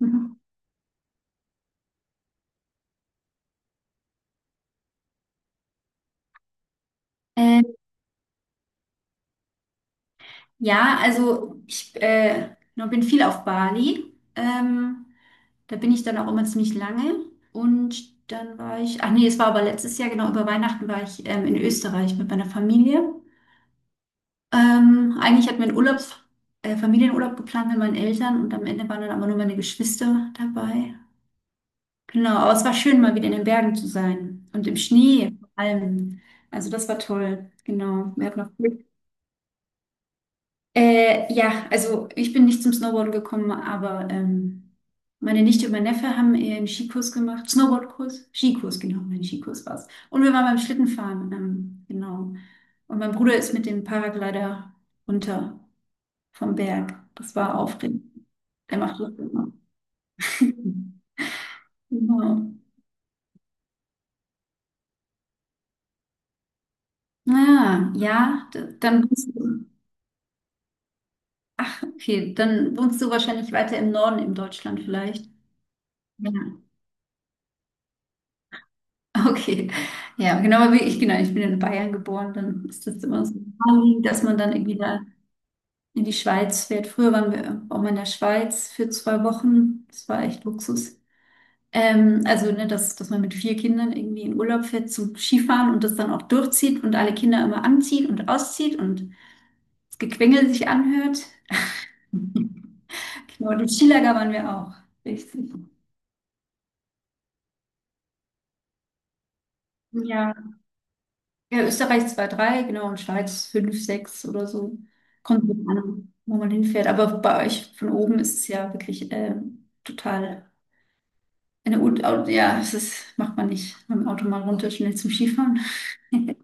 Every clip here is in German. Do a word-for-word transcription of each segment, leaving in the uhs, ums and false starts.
Mhm. Ähm, ja, also ich äh, noch bin viel auf Bali. Ähm, da bin ich dann auch immer ziemlich lange. Und dann war ich, ach nee, es war aber letztes Jahr, genau, über Weihnachten war ich ähm, in Österreich mit meiner Familie. Ähm, eigentlich hatten wir einen Urlaubs, äh, Familienurlaub geplant mit meinen Eltern und am Ende waren dann aber nur meine Geschwister dabei. Genau, aber es war schön, mal wieder in den Bergen zu sein und im Schnee vor allem. Also das war toll, genau. Wir hatten noch. Äh, ja, also ich bin nicht zum Snowboarden gekommen, aber ähm, meine Nichte und mein Neffe haben einen Skikurs gemacht. Snowboardkurs? Skikurs, genau, mein Skikurs war's. Und wir waren beim Schlittenfahren, ähm, genau. Und mein Bruder ist mit dem Paraglider runter vom Berg. Das war aufregend. Der macht das immer. Genau. Ah, ja, d- dann bist du, ach, okay, dann wohnst du wahrscheinlich weiter im Norden in Deutschland vielleicht. Ja. Okay, ja, genau, aber wie ich, genau, ich bin in Bayern geboren, dann ist das immer so naheliegend, dass man dann irgendwie da in die Schweiz fährt. Früher waren wir auch mal in der Schweiz für zwei Wochen, das war echt Luxus. Ähm, also, ne, dass, dass man mit vier Kindern irgendwie in Urlaub fährt zum Skifahren und das dann auch durchzieht und alle Kinder immer anzieht und auszieht und das Gequengel sich anhört. Genau, im Skilager waren wir auch, richtig. Ja, Ja, Österreich zwei drei genau, und Schweiz fünf sechs oder so. Kommt drauf an, wo man hinfährt. Aber bei euch von oben ist es ja wirklich ähm, total eine, Un- au- ja, es ist, macht man nicht mit dem Auto mal runter, schnell zum Skifahren.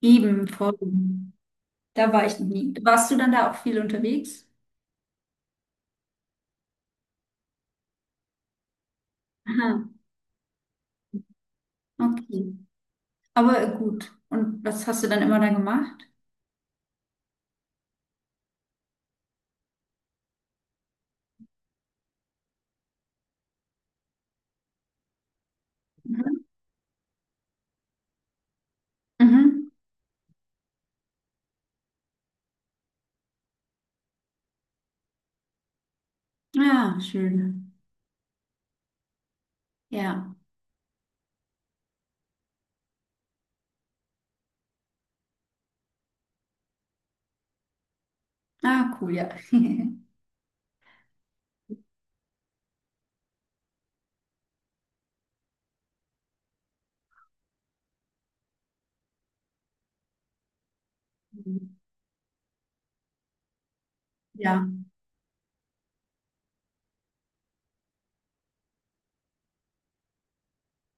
Eben, vor, da war ich noch nie. Warst du dann da auch viel unterwegs? Aha, okay. Aber äh, gut. Und was hast du dann immer da gemacht? Mhm. Mhm. Ja, schön. Ja. Ah, cool, ja. Ja.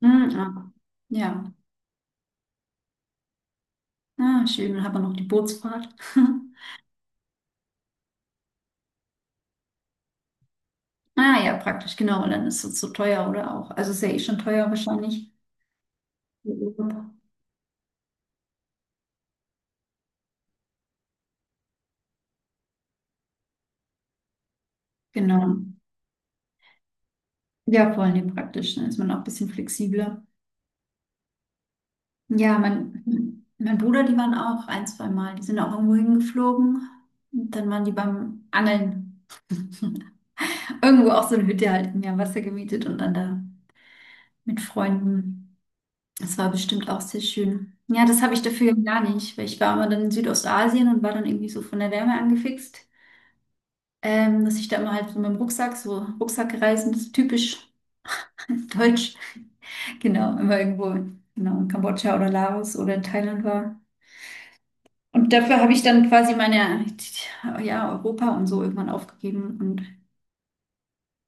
Mhm. Ah. Ja. Ah, schön, dann hat man noch die Bootsfahrt. Ah ja, praktisch, genau. Und dann ist es so teuer oder auch. Also ist ja eh schon teuer wahrscheinlich. Der Urlaub. Genau. Ja, vor allem praktisch. Dann ist man auch ein bisschen flexibler. Ja, mein, mein Bruder, die waren auch ein, zwei Mal. Die sind auch irgendwo hingeflogen. Und dann waren die beim Angeln. Irgendwo auch so eine Hütte halt im Wasser gemietet und dann da mit Freunden. Das war bestimmt auch sehr schön. Ja, das habe ich dafür gar nicht, weil ich war immer dann in Südostasien und war dann irgendwie so von der Wärme angefixt. Ähm, dass ich da immer halt so mit dem Rucksack, so Rucksackreisen, das ist typisch deutsch, genau, immer irgendwo, genau, in Kambodscha oder Laos oder in Thailand war. Und dafür habe ich dann quasi meine, ja, Europa und so irgendwann aufgegeben. Und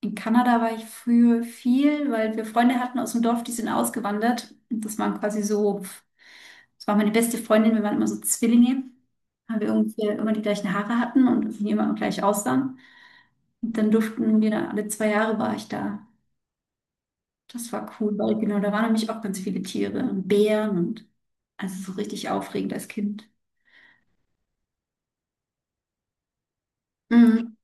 in Kanada war ich früher viel, weil wir Freunde hatten aus dem Dorf, die sind ausgewandert. Und das waren quasi so, das war meine beste Freundin, wir waren immer so Zwillinge, weil wir ungefähr immer die gleichen Haare hatten und irgendwie immer gleich aussahen. Und dann durften wir da, alle zwei Jahre war ich da. Das war cool, weil genau, da waren nämlich auch ganz viele Tiere und Bären und also so richtig aufregend als Kind. Mhm.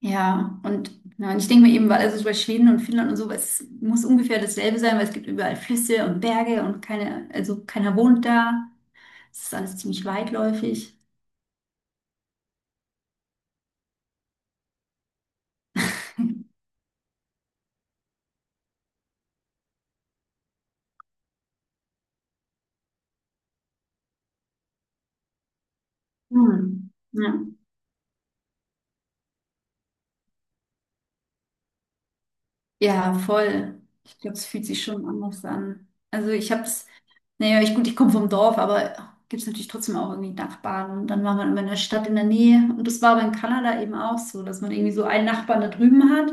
Ja, und, ja, und ich denke mir eben, weil also so bei Schweden und Finnland und so, es muss ungefähr dasselbe sein, weil es gibt überall Flüsse und Berge und keine, also keiner wohnt da. Es ist alles ziemlich weitläufig. Mhm. Ja. Ja, voll. Ich glaube, es fühlt sich schon anders an. Also ich habe es, naja, ich, gut, ich komme vom Dorf, aber gibt es natürlich trotzdem auch irgendwie Nachbarn. Und dann war man immer in der Stadt in der Nähe. Und das war aber in Kanada eben auch so, dass man irgendwie so einen Nachbarn da drüben hat.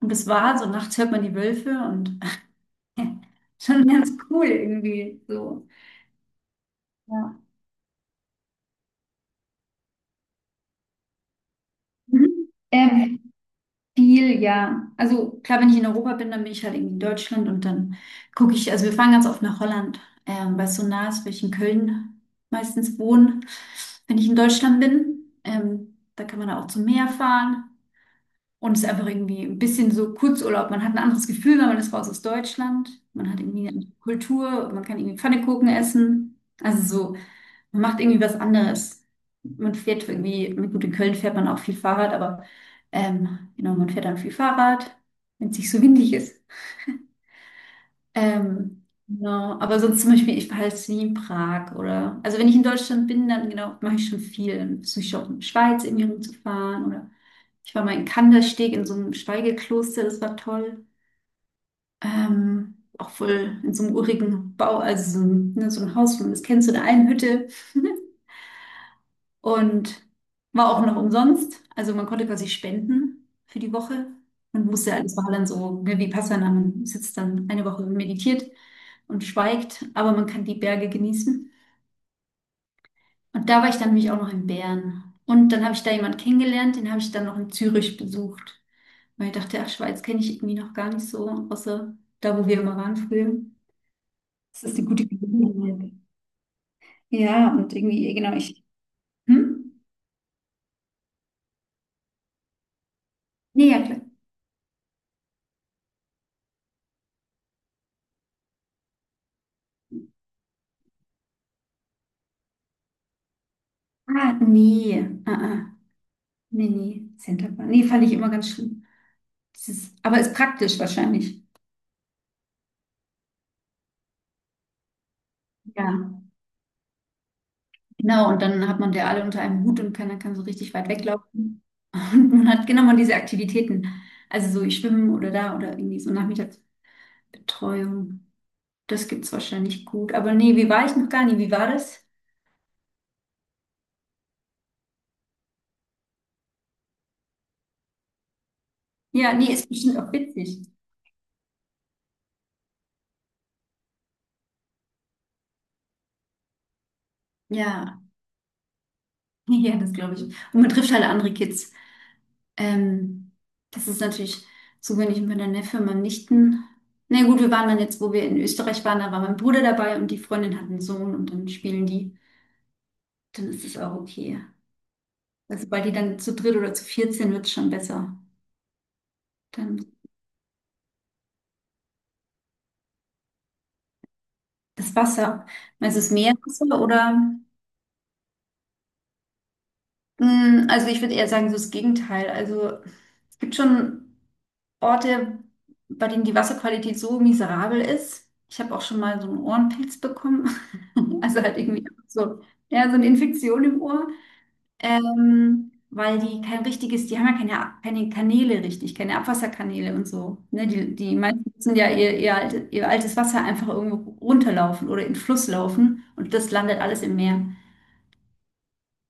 Und das war so, nachts hört man die Wölfe und schon ganz cool irgendwie so. Ja. Mhm. Ähm, Viel, ja. Also klar, wenn ich in Europa bin, dann bin ich halt irgendwie in Deutschland und dann gucke ich, also wir fahren ganz oft nach Holland, ähm, weil es so nah ist, weil ich in Köln meistens wohne, wenn ich in Deutschland bin. Ähm, da kann man dann auch zum Meer fahren und es ist einfach irgendwie ein bisschen so Kurzurlaub. Man hat ein anderes Gefühl, weil man ist raus aus Deutschland. Man hat irgendwie eine andere Kultur, man kann irgendwie Pfannkuchen essen. Also so. Man macht irgendwie was anderes. Man fährt irgendwie, gut, in Köln fährt man auch viel Fahrrad, aber ähm, genau, man fährt dann viel Fahrrad, wenn es nicht so windig ist. Ähm, genau, aber sonst zum Beispiel, ich war jetzt nie in Prag oder, also wenn ich in Deutschland bin, dann genau, mache ich schon viel. Dann versuche ich auch in der Schweiz irgendwie rumzufahren oder ich war mal in Kandersteg in so einem Schweigekloster, das war toll. Ähm, auch voll in so einem urigen Bau, also so ein, ne, so ein Haus, das kennst du, in einer Hütte. Und war auch noch umsonst. Also man konnte quasi spenden für die Woche und musste alles war dann so ne, wie Vipassana. Man sitzt dann eine Woche und meditiert und schweigt, aber man kann die Berge genießen. Und da war ich dann nämlich auch noch in Bern. Und dann habe ich da jemanden kennengelernt, den habe ich dann noch in Zürich besucht, weil ich dachte, ach, Schweiz kenne ich irgendwie noch gar nicht so, außer da, wo wir immer waren früher. Das ist eine gute Gelegenheit. Ja, und irgendwie, genau, ich. Hm? Nee, ja, klar. Ah, nee. Ah, ah. Nee, nee, Centerband. Nee, fand ich immer ganz schlimm. Das ist, aber ist praktisch wahrscheinlich. Ja, genau. Und dann hat man der alle unter einem Hut und keiner kann so richtig weit weglaufen. Und man hat genau mal diese Aktivitäten. Also so ich schwimmen oder da oder irgendwie so Nachmittagsbetreuung. Das gibt's wahrscheinlich gut. Aber nee, wie war ich noch gar nie? Wie war das? Ja, nee, ist bestimmt auch witzig. Ja, ja, das glaube ich. Und man trifft halt andere Kids. Ähm, Das ist natürlich so, wenn ich mit meiner Neffe, meinem Nichten. Na nee, gut, wir waren dann jetzt, wo wir in Österreich waren, da war mein Bruder dabei und die Freundin hat einen Sohn und dann spielen die. Dann ist es auch okay. Also, weil die dann zu dritt oder zu viert sind, wird es schon besser. Dann das Wasser. Meinst du das Meerwasser oder? Mm, Also ich würde eher sagen, so das Gegenteil. Also es gibt schon Orte, bei denen die Wasserqualität so miserabel ist. Ich habe auch schon mal so einen Ohrenpilz bekommen. Also halt irgendwie so, ja, so eine Infektion im Ohr. Ähm, weil die kein richtiges, die haben ja keine, Ab- keine Kanäle richtig, keine Abwasserkanäle und so. Ne, die, die meisten müssen ja ihr, ihr, alte, ihr altes Wasser einfach irgendwo runterlaufen oder in den Fluss laufen und das landet alles im Meer.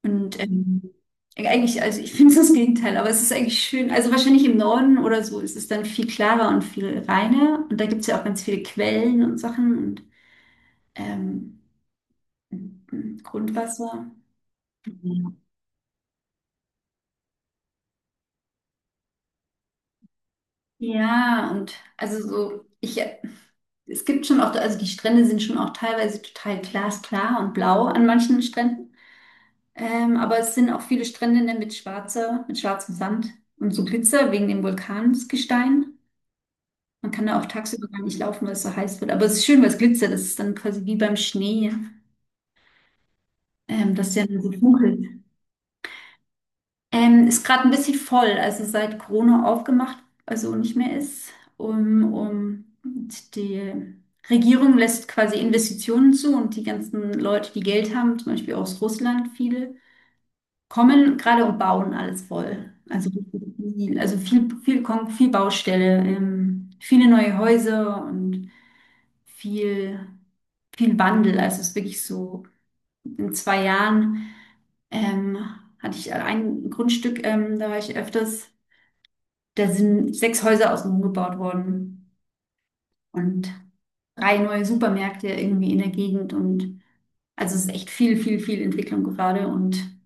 Und ähm, eigentlich, also ich finde es das Gegenteil, aber es ist eigentlich schön. Also wahrscheinlich im Norden oder so ist es dann viel klarer und viel reiner. Und da gibt es ja auch ganz viele Quellen und Sachen und ähm, Grundwasser. Ja, und also so, ich, äh, es gibt schon auch, also die Strände sind schon auch teilweise total glasklar und blau an manchen Stränden. Ähm, aber es sind auch viele Strände ne, mit schwarzer, mit schwarzem Sand und so Glitzer wegen dem Vulkansgestein. Man kann da auch tagsüber gar nicht laufen, weil es so heiß wird. Aber es ist schön, weil es glitzert. Es ist dann quasi wie beim Schnee, ähm, dass der dann so funkelt. Ähm, ist gerade ein bisschen voll, also seit Corona aufgemacht, also nicht mehr ist. Um, um, und die Regierung lässt quasi Investitionen zu und die ganzen Leute, die Geld haben, zum Beispiel aus Russland viele, kommen gerade und bauen alles voll. Also, richtig viel- also viel, viel, Kon- viel Baustelle, ähm, viele neue Häuser und viel, viel Wandel. Also es ist wirklich so, in zwei Jahren ähm, hatte ich ein Grundstück, ähm, da war ich öfters, da sind sechs Häuser außenrum gebaut worden und drei neue Supermärkte irgendwie in der Gegend und also es ist echt viel, viel, viel Entwicklung gerade und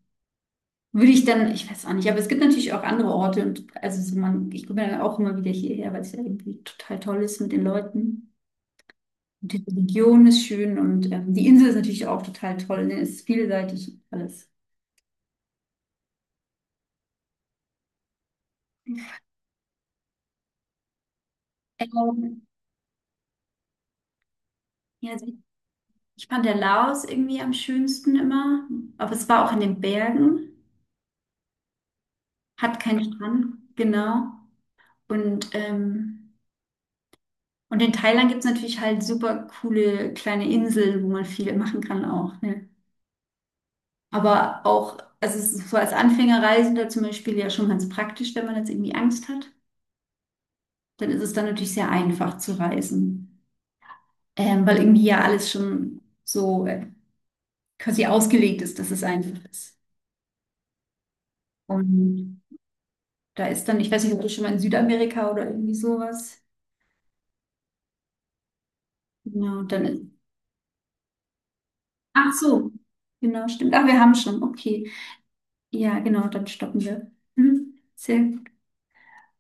würde ich dann, ich weiß auch nicht, aber es gibt natürlich auch andere Orte und also so man, ich komme dann auch immer wieder hierher, weil es ja irgendwie total toll ist mit den Leuten. Und die Region ist schön und ähm, die Insel ist natürlich auch total toll. Ne? Es ist vielseitig alles. Ähm, ja, also ich fand der Laos irgendwie am schönsten immer, aber es war auch in den Bergen, hat keinen Strand, genau. Und, ähm, und in Thailand gibt es natürlich halt super coole kleine Inseln, wo man viel machen kann auch. Ne? Aber auch, also es ist so als Anfängerreisender zum Beispiel ja schon ganz praktisch, wenn man jetzt irgendwie Angst hat, dann ist es dann natürlich sehr einfach zu reisen. Ähm, weil irgendwie ja alles schon so äh, quasi ausgelegt ist, dass es einfach ist. Und da ist dann, ich weiß nicht, ob du schon mal in Südamerika oder irgendwie sowas. Genau, dann ist, ach so, genau, stimmt. Ach, wir haben schon, okay. Ja, genau, dann stoppen wir. Mhm. Sehr